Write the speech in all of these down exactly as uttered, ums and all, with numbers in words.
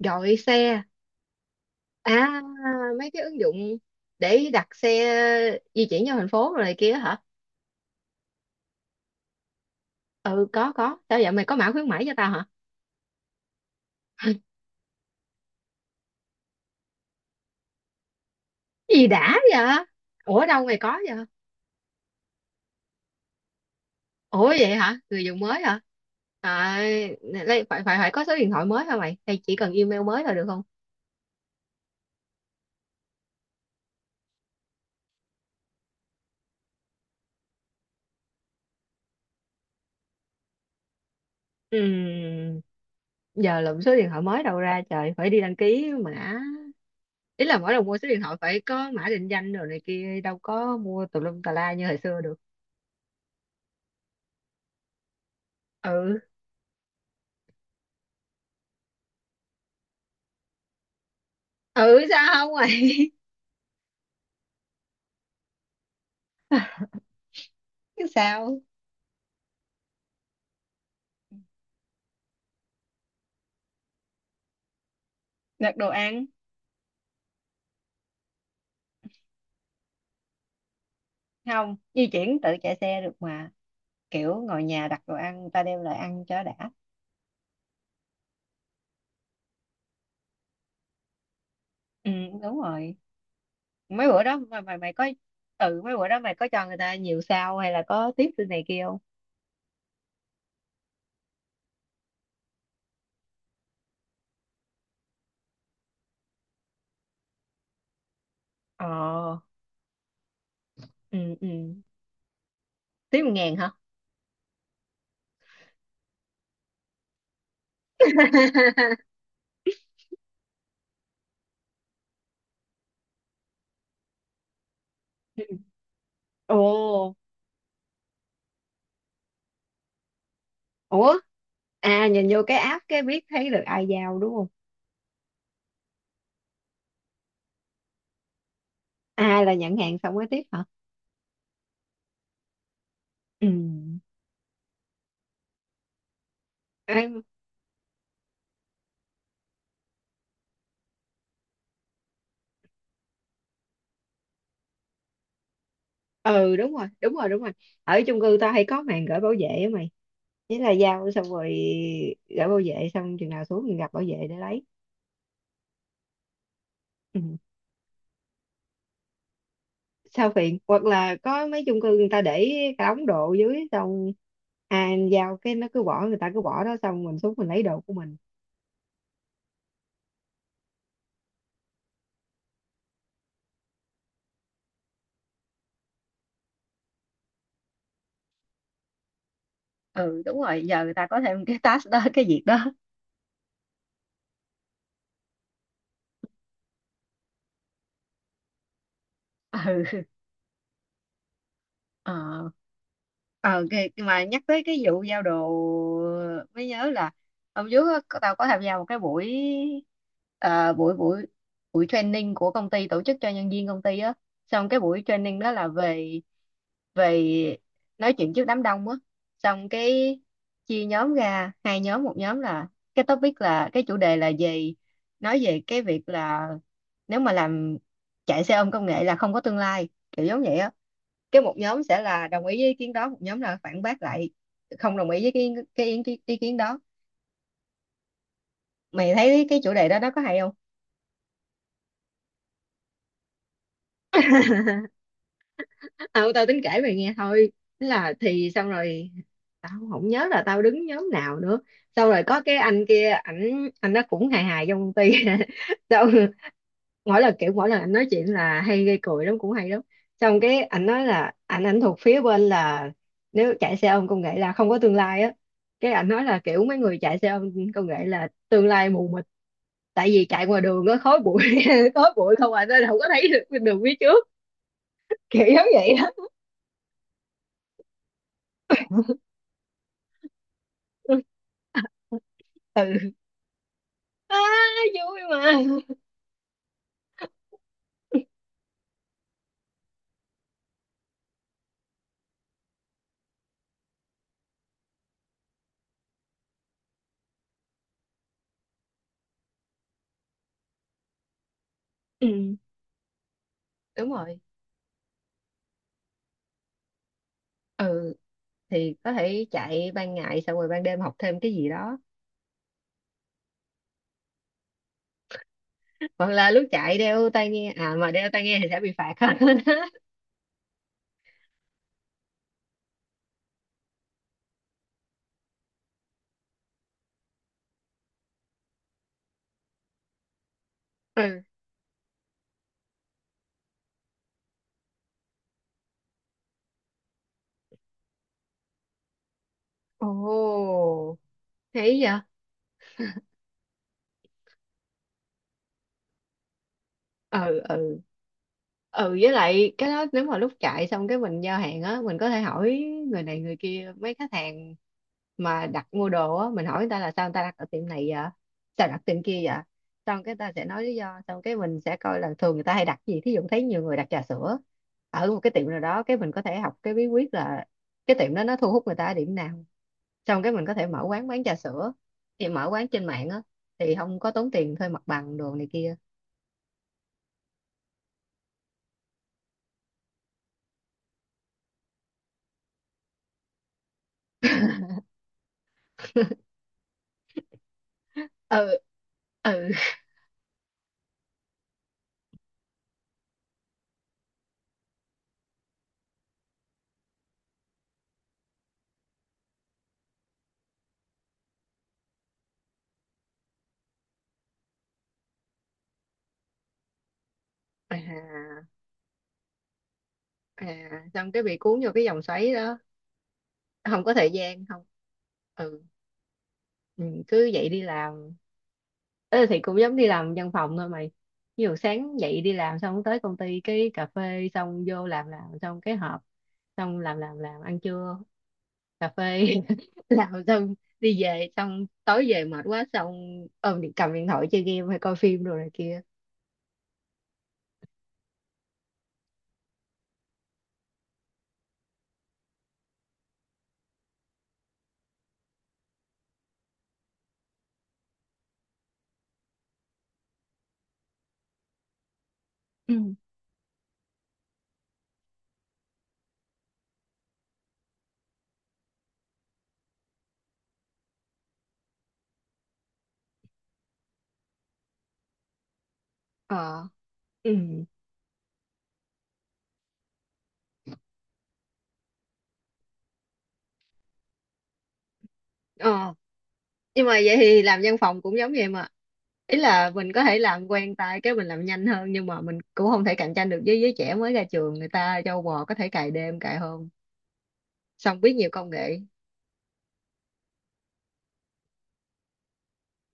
Gọi xe à? Mấy cái ứng dụng để đặt xe di chuyển trong thành phố rồi này kia hả? Ừ, có, có. Sao vậy, mày có mã khuyến mãi cho tao hả? Gì đã vậy? Ủa đâu mày có vậy? Ủa vậy hả, người dùng mới hả? À, đây, phải phải phải có số điện thoại mới hả mày, hay chỉ cần email mới là được không? Ừm, giờ lụm số điện thoại mới đâu ra trời, phải đi đăng ký mã. Ý là mỗi lần mua số điện thoại phải có mã định danh rồi này kia, đâu có mua tùm lum tà la như hồi xưa được. Ừ, ừ, sao không vậy? Sao? Đặt đồ ăn. Không, di chuyển tự chạy xe được mà. Kiểu ngồi nhà đặt đồ ăn người ta đem lại ăn cho đã. Ừ, đúng rồi. Mấy bữa đó mà mày mày có. Ừ, mấy bữa đó mày có cho người ta nhiều sao, hay là có tiếp từ này kia không? Ờ. Ừ, ừ, tiếp một ngàn hả? Ừ. Ồ. Ủa. À, nhìn vô cái app cái biết thấy được ai giao đúng không? Ai là nhận hàng xong mới tiếp hả? Ừ. Ừ, đúng rồi, đúng rồi, đúng rồi. Ở chung cư tao hay có màn gửi bảo vệ á mày. Thế là giao xong rồi gửi bảo vệ, xong chừng nào xuống mình gặp bảo vệ để lấy. Ừ. Sao phiền, hoặc là có mấy chung cư người ta để cả đống đồ dưới, xong à giao cái nó cứ bỏ, người ta cứ bỏ đó xong mình xuống mình lấy đồ của mình. Ừ đúng rồi, giờ người ta có thêm cái task đó, cái việc đó. Ừ. ờ ờ cái, cái mà nhắc tới cái vụ giao đồ mới nhớ là hôm trước á, có- tao có tham gia một cái buổi ờ, buổi buổi buổi training của công ty tổ chức cho nhân viên công ty á. Xong cái buổi training đó là về về nói chuyện trước đám đông á. Xong cái chia nhóm ra hai nhóm, một nhóm là cái topic là cái chủ đề là về nói về cái việc là nếu mà làm chạy xe ôm công nghệ là không có tương lai kiểu giống vậy á. Cái một nhóm sẽ là đồng ý với ý kiến đó, một nhóm là phản bác lại, không đồng ý với cái cái ý, cái ý kiến đó. Mày thấy cái chủ đề đó nó có hay không? Ừ, tao tính kể mày nghe thôi. Thế là thì xong rồi, tao không nhớ là tao đứng nhóm nào nữa. Xong rồi có cái anh kia, ảnh anh nó cũng hài hài trong công ty. Xong mỗi lần kiểu mỗi lần anh nói chuyện là hay gây cười lắm, cũng hay lắm. Xong cái anh nói là anh anh thuộc phía bên là nếu chạy xe ôm công nghệ là không có tương lai á. Cái anh nói là kiểu mấy người chạy xe ôm công nghệ là tương lai mù mịt, tại vì chạy ngoài đường nó khói bụi khói bụi không à nên không có thấy được đường phía trước, kiểu giống vậy đó. Ừ. À, vui mà. Ừ, đúng rồi. Ừ, thì có thể chạy ban ngày xong rồi ban đêm học thêm cái gì đó, hoặc là lúc chạy đeo tai nghe, à mà đeo tai nghe thì sẽ bị phạt. Ừ. Ồ, thấy vậy. Ừ, ừ, ừ với lại cái đó nếu mà lúc chạy xong cái mình giao hàng á, mình có thể hỏi người này người kia, mấy khách hàng mà đặt mua đồ á, mình hỏi người ta là sao người ta đặt ở tiệm này vậy, sao đặt tiệm kia vậy. Xong cái ta sẽ nói lý do, xong cái mình sẽ coi là thường người ta hay đặt gì, thí dụ thấy nhiều người đặt trà sữa ở một cái tiệm nào đó, cái mình có thể học cái bí quyết là cái tiệm đó nó thu hút người ta ở điểm nào. Xong cái mình có thể mở quán bán trà sữa, thì mở quán trên mạng á, thì không có tốn tiền thuê mặt bằng đồ này kia. Ừ. Ừ. À, à xong cái bị cuốn vô cái vòng xoáy đó, không có thời gian không. Ừ. Ừ, cứ vậy đi làm. Ê, thì cũng giống đi làm văn phòng thôi mày, ví dụ sáng dậy đi làm xong tới công ty cái cà phê xong vô làm làm xong cái họp, xong làm làm làm ăn trưa, cà phê làm xong đi về, xong tối về mệt quá xong ôm điện cầm điện thoại chơi game hay coi phim rồi này kia. Ừ. Ờ. Ừ. Ờ, nhưng mà vậy thì làm văn phòng cũng giống vậy mà, ý là mình có thể làm quen tay cái mình làm nhanh hơn, nhưng mà mình cũng không thể cạnh tranh được với giới trẻ mới ra trường, người ta châu bò có thể cày đêm cày hôm, xong biết nhiều công nghệ.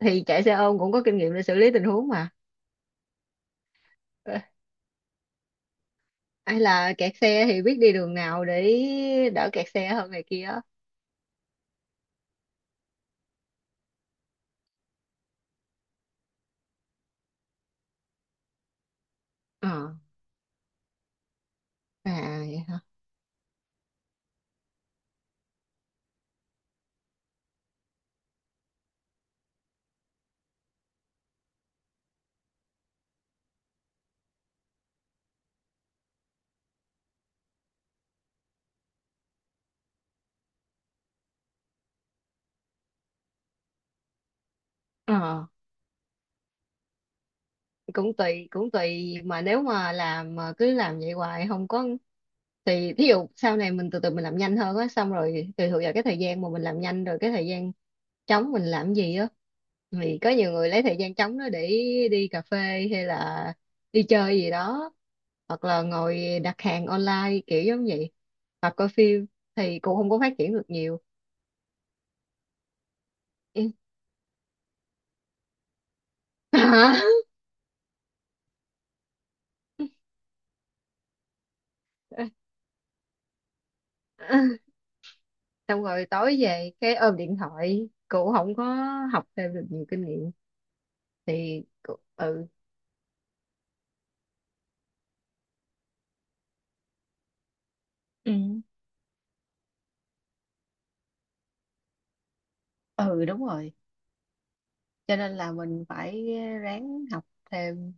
Thì chạy xe ôm cũng có kinh nghiệm để xử lý tình huống mà. Ờ, hay là kẹt xe thì biết đi đường nào để đỡ kẹt xe hơn này kia. Ờ, à vậy hả? Ờ, cũng tùy, cũng tùy mà nếu mà làm mà cứ làm vậy hoài không có, thì thí dụ sau này mình từ từ mình làm nhanh hơn á, xong rồi tùy thuộc vào cái thời gian mà mình làm nhanh rồi cái thời gian trống mình làm gì á, thì có nhiều người lấy thời gian trống đó để đi cà phê, hay là đi chơi gì đó, hoặc là ngồi đặt hàng online kiểu giống vậy, hoặc coi phim, thì cũng không có phát triển được nhiều. Ừ. Hả? Xong rồi tối về cái ôm điện thoại cụ không có học thêm được nhiều kinh nghiệm thì cụ, ừ. Ừ. Ừ đúng rồi. Cho nên là mình phải ráng học thêm,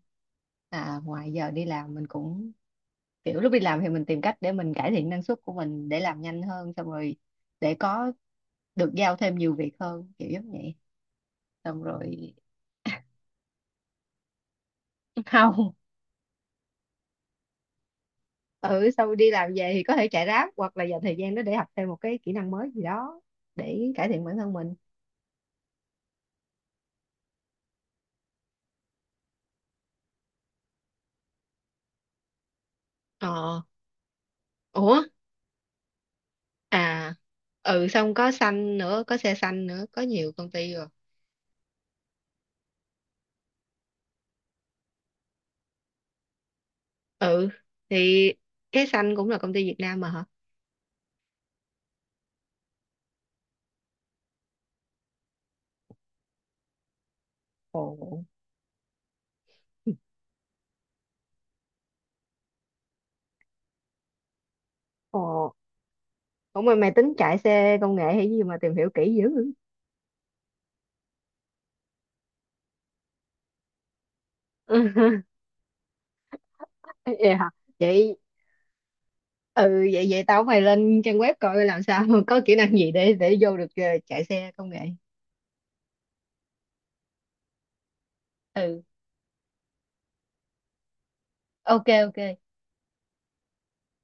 à ngoài giờ đi làm mình cũng kiểu lúc đi làm thì mình tìm cách để mình cải thiện năng suất của mình để làm nhanh hơn, xong rồi để có được giao thêm nhiều việc hơn kiểu giống vậy. Xong rồi không. Ừ, sau đi làm về thì có thể chạy ráp, hoặc là dành thời gian đó để học thêm một cái kỹ năng mới gì đó để cải thiện bản thân mình. Ờ, ủa, à, ừ, xong có xanh nữa, có xe xanh nữa, có nhiều công ty rồi. Ừ, thì cái xanh cũng là công ty Việt Nam mà hả? Ồ. Ồ, ủa mà mày tính chạy xe công nghệ hay gì mà tìm hiểu kỹ dữ? Vậy hả? Vậy, ừ, vậy vậy tao phải lên trang web coi làm sao có kỹ năng gì để để vô được ờ, chạy xe công nghệ. Ừ, ok, ok.